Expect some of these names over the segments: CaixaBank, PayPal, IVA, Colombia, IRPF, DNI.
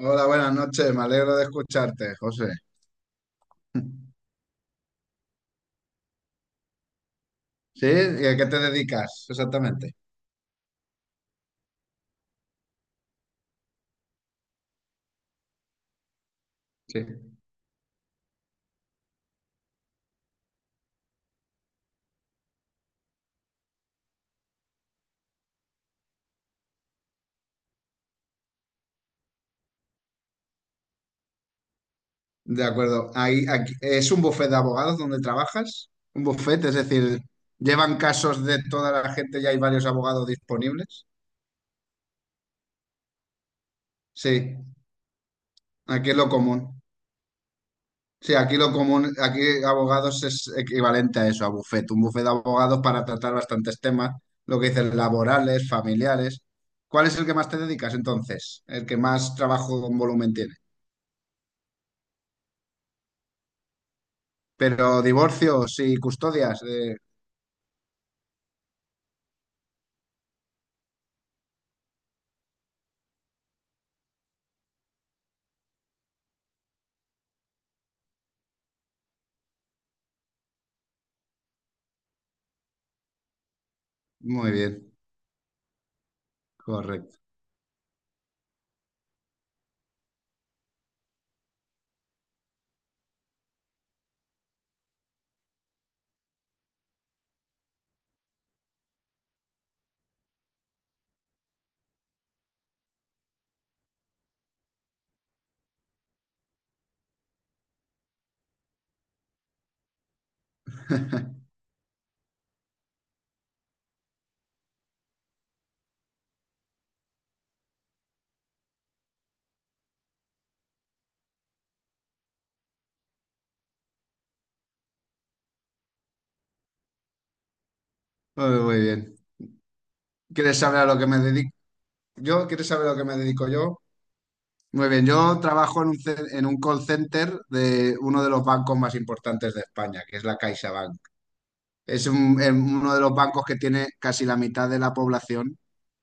Hola, buenas noches. Me alegro de escucharte, José. ¿Sí? ¿Y a qué te dedicas exactamente? Sí. De acuerdo. ¿Es un bufete de abogados donde trabajas? Un bufete, es decir, ¿llevan casos de toda la gente y hay varios abogados disponibles? Sí, aquí es lo común. Sí, aquí lo común, aquí abogados es equivalente a eso, a bufete. Un bufete de abogados para tratar bastantes temas, lo que dicen laborales, familiares. ¿Cuál es el que más te dedicas entonces? ¿El que más trabajo con volumen tiene? Pero divorcios y custodias, muy bien, correcto. Muy, muy bien. ¿Quieres saber a lo que me dedico yo? ¿Quieres saber a lo que me dedico yo? Muy bien, yo trabajo en en un call center de uno de los bancos más importantes de España, que es la CaixaBank. Uno de los bancos que tiene casi la mitad de la población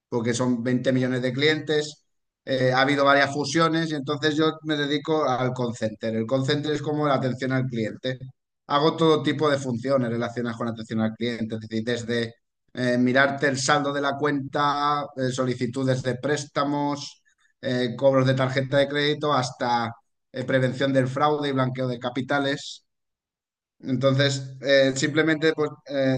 porque son 20 millones de clientes, ha habido varias fusiones y entonces yo me dedico al call center. El call center es como la atención al cliente. Hago todo tipo de funciones relacionadas con atención al cliente, es decir, desde mirarte el saldo de la cuenta, solicitudes de préstamos, cobros de tarjeta de crédito, hasta prevención del fraude y blanqueo de capitales. Entonces, simplemente pues,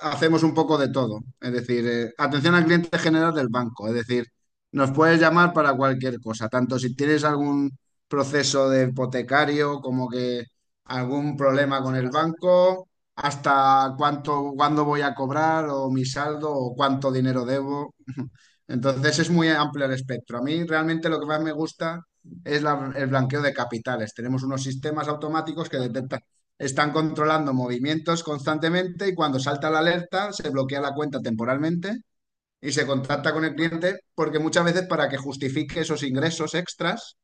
hacemos un poco de todo. Es decir, atención al cliente general del banco. Es decir, nos puedes llamar para cualquier cosa, tanto si tienes algún proceso de hipotecario como que algún problema con el banco, hasta cuánto, cuándo voy a cobrar o mi saldo o cuánto dinero debo. Entonces, es muy amplio el espectro. A mí realmente lo que más me gusta es el blanqueo de capitales. Tenemos unos sistemas automáticos que detectan, están controlando movimientos constantemente y cuando salta la alerta se bloquea la cuenta temporalmente y se contacta con el cliente porque muchas veces para que justifique esos ingresos extras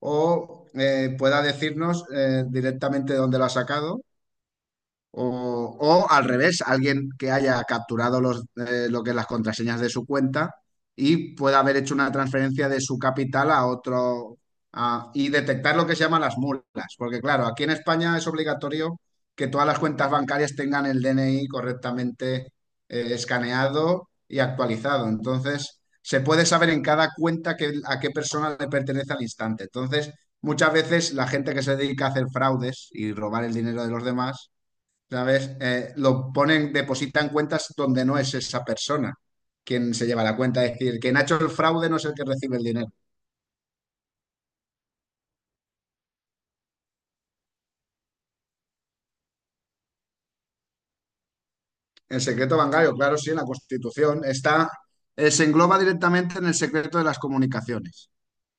o pueda decirnos directamente dónde lo ha sacado o al revés, alguien que haya capturado los, lo que es las contraseñas de su cuenta y pueda haber hecho una transferencia de su capital a otro y detectar lo que se llaman las mulas. Porque claro, aquí en España es obligatorio que todas las cuentas bancarias tengan el DNI correctamente escaneado y actualizado. Entonces, se puede saber en cada cuenta que, a qué persona le pertenece al instante. Entonces, muchas veces la gente que se dedica a hacer fraudes y robar el dinero de los demás, ¿sabes? Lo ponen, depositan cuentas donde no es esa persona quien se lleva la cuenta. Es decir, quien ha hecho el fraude no es el que recibe el dinero. El secreto bancario, claro, sí, en la Constitución está, se engloba directamente en el secreto de las comunicaciones.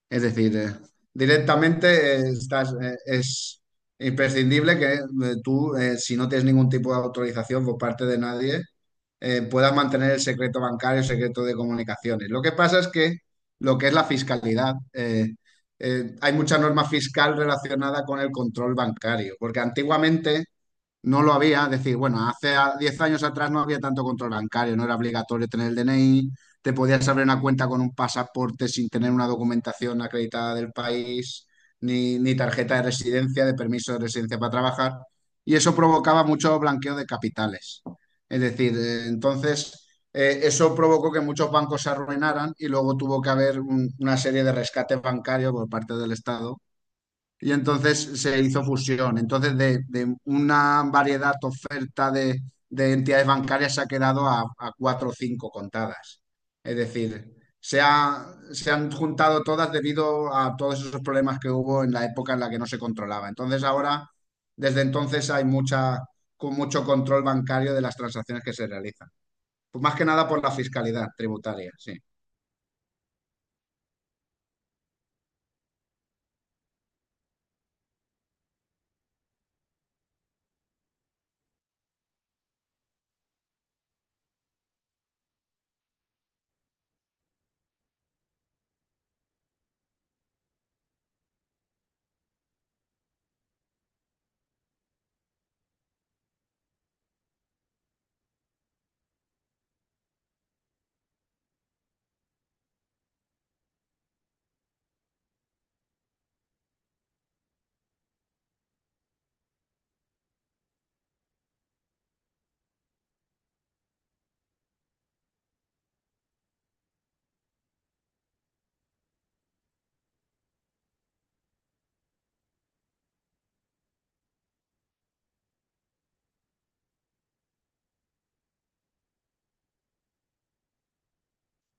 Es decir, directamente es imprescindible que tú, si no tienes ningún tipo de autorización por parte de nadie, puedas mantener el secreto bancario, el secreto de comunicaciones. Lo que pasa es que lo que es la fiscalidad, hay mucha norma fiscal relacionada con el control bancario, porque antiguamente no lo había, es decir, bueno, hace 10 años atrás no había tanto control bancario, no era obligatorio tener el DNI, te podías abrir una cuenta con un pasaporte sin tener una documentación acreditada del país, ni tarjeta de residencia, de permiso de residencia para trabajar, y eso provocaba mucho blanqueo de capitales. Es decir, entonces, eso provocó que muchos bancos se arruinaran y luego tuvo que haber una serie de rescate bancario por parte del Estado y entonces se hizo fusión. Entonces, de una variedad oferta de entidades bancarias se ha quedado a cuatro o cinco contadas. Es decir, se, ha- se han juntado todas debido a todos esos problemas que hubo en la época en la que no se controlaba. Entonces, ahora, desde entonces, hay mucha, con mucho control bancario de las transacciones que se realizan. Pues más que nada por la fiscalidad tributaria, sí.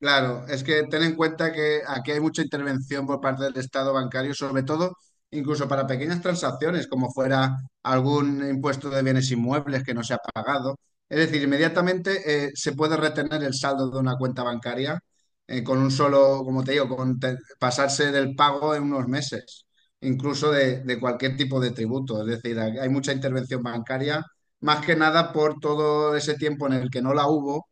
Claro, es que ten en cuenta que aquí hay mucha intervención por parte del Estado bancario, sobre todo incluso para pequeñas transacciones, como fuera algún impuesto de bienes inmuebles que no se ha pagado. Es decir, inmediatamente se puede retener el saldo de una cuenta bancaria con un solo, como te digo, pasarse del pago en unos meses, incluso de cualquier tipo de tributo. Es decir, hay mucha intervención bancaria, más que nada por todo ese tiempo en el que no la hubo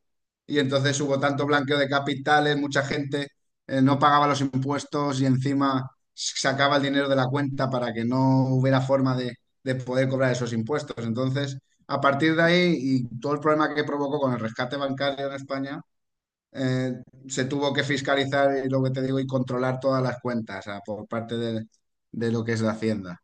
y entonces hubo tanto blanqueo de capitales, mucha gente no pagaba los impuestos y encima sacaba el dinero de la cuenta para que no hubiera forma de poder cobrar esos impuestos. Entonces, a partir de ahí y todo el problema que provocó con el rescate bancario en España, eh, se tuvo que fiscalizar, y lo que te digo, y controlar todas las cuentas ah, por parte de lo que es la Hacienda.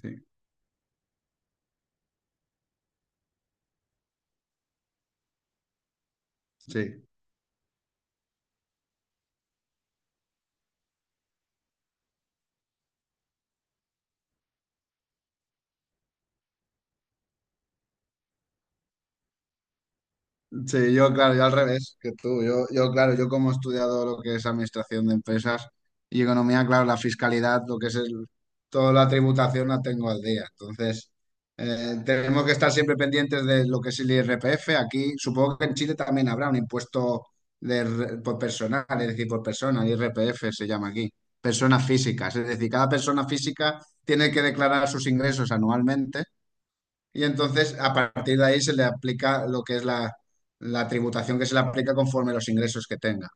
Sí, sí. Sí, yo, claro, yo al revés que tú. Yo, claro, yo como he estudiado lo que es administración de empresas y economía, claro, la fiscalidad, lo que es toda la tributación la tengo al día. Entonces, tenemos que estar siempre pendientes de lo que es el IRPF. Aquí, supongo que en Chile también habrá un impuesto de, por personal, es decir, por persona, IRPF se llama aquí, personas físicas. Es decir, cada persona física tiene que declarar sus ingresos anualmente y entonces, a partir de ahí, se le aplica lo que es la, la tributación que se le aplica conforme los ingresos que tenga.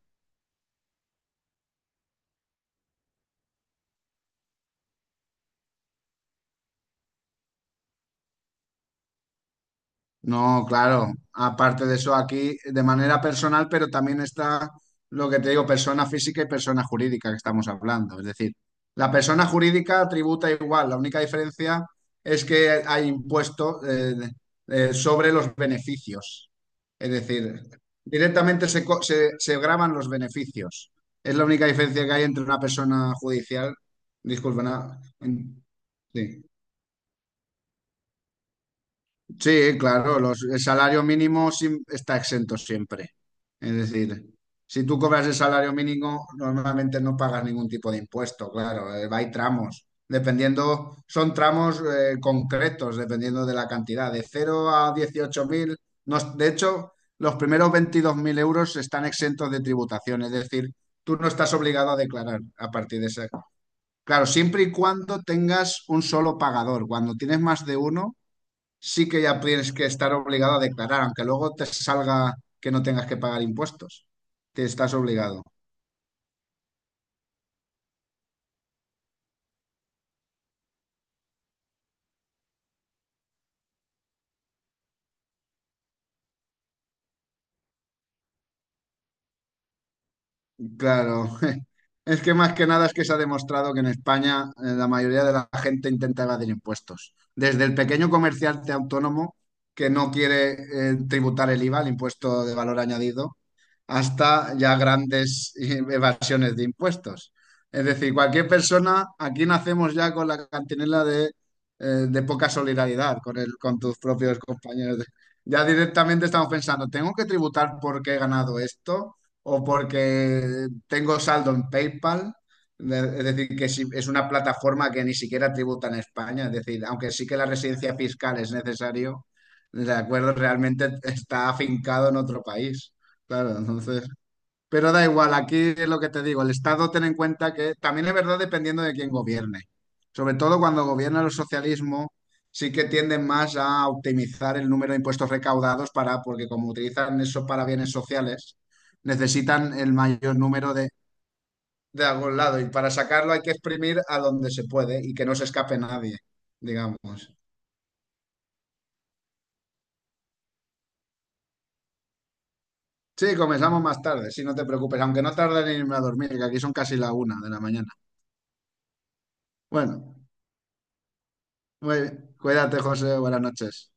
No, claro. Aparte de eso, aquí de manera personal, pero también está lo que te digo, persona física y persona jurídica que estamos hablando. Es decir, la persona jurídica tributa igual. La única diferencia es que hay impuesto sobre los beneficios. Es decir, directamente se, se graban los beneficios. Es la única diferencia que hay entre una persona judicial. Disculpa, nada. Sí. Sí, claro, el salario mínimo está exento siempre. Es decir, si tú cobras el salario mínimo, normalmente no pagas ningún tipo de impuesto, claro, hay tramos. Dependiendo, son tramos concretos, dependiendo de la cantidad, de cero a 18.000, no es- de hecho, los primeros 22.000 euros están exentos de tributación, es decir, tú no estás obligado a declarar a partir de ese. Claro, siempre y cuando tengas un solo pagador. Cuando tienes más de uno, sí que ya tienes que estar obligado a declarar, aunque luego te salga que no tengas que pagar impuestos. Te estás obligado. Claro. Es que más que nada es que se ha demostrado que en España la mayoría de la gente intenta evadir impuestos. Desde el pequeño comerciante autónomo que no quiere tributar el IVA, el impuesto de valor añadido, hasta ya grandes evasiones de impuestos. Es decir, cualquier persona, aquí nacemos ya con la cantinela de poca solidaridad con el, con tus propios compañeros. Ya directamente estamos pensando, ¿tengo que tributar porque he ganado esto? ¿O porque tengo saldo en PayPal? Es decir, que si es una plataforma que ni siquiera tributa en España, es decir, aunque sí que la residencia fiscal es necesario, de acuerdo, realmente está afincado en otro país. Claro, entonces. Pero da igual, aquí es lo que te digo, el Estado ten en cuenta que también es verdad dependiendo de quién gobierne. Sobre todo cuando gobierna el socialismo, sí que tienden más a optimizar el número de impuestos recaudados para, porque como utilizan eso para bienes sociales, necesitan el mayor número de algún lado. Y para sacarlo hay que exprimir a donde se puede y que no se escape nadie, digamos. Sí, comenzamos más tarde, si no te preocupes, aunque no tarde en irme a dormir, que aquí son casi la una de la mañana. Bueno. Muy bien. Cuídate, José. Buenas noches.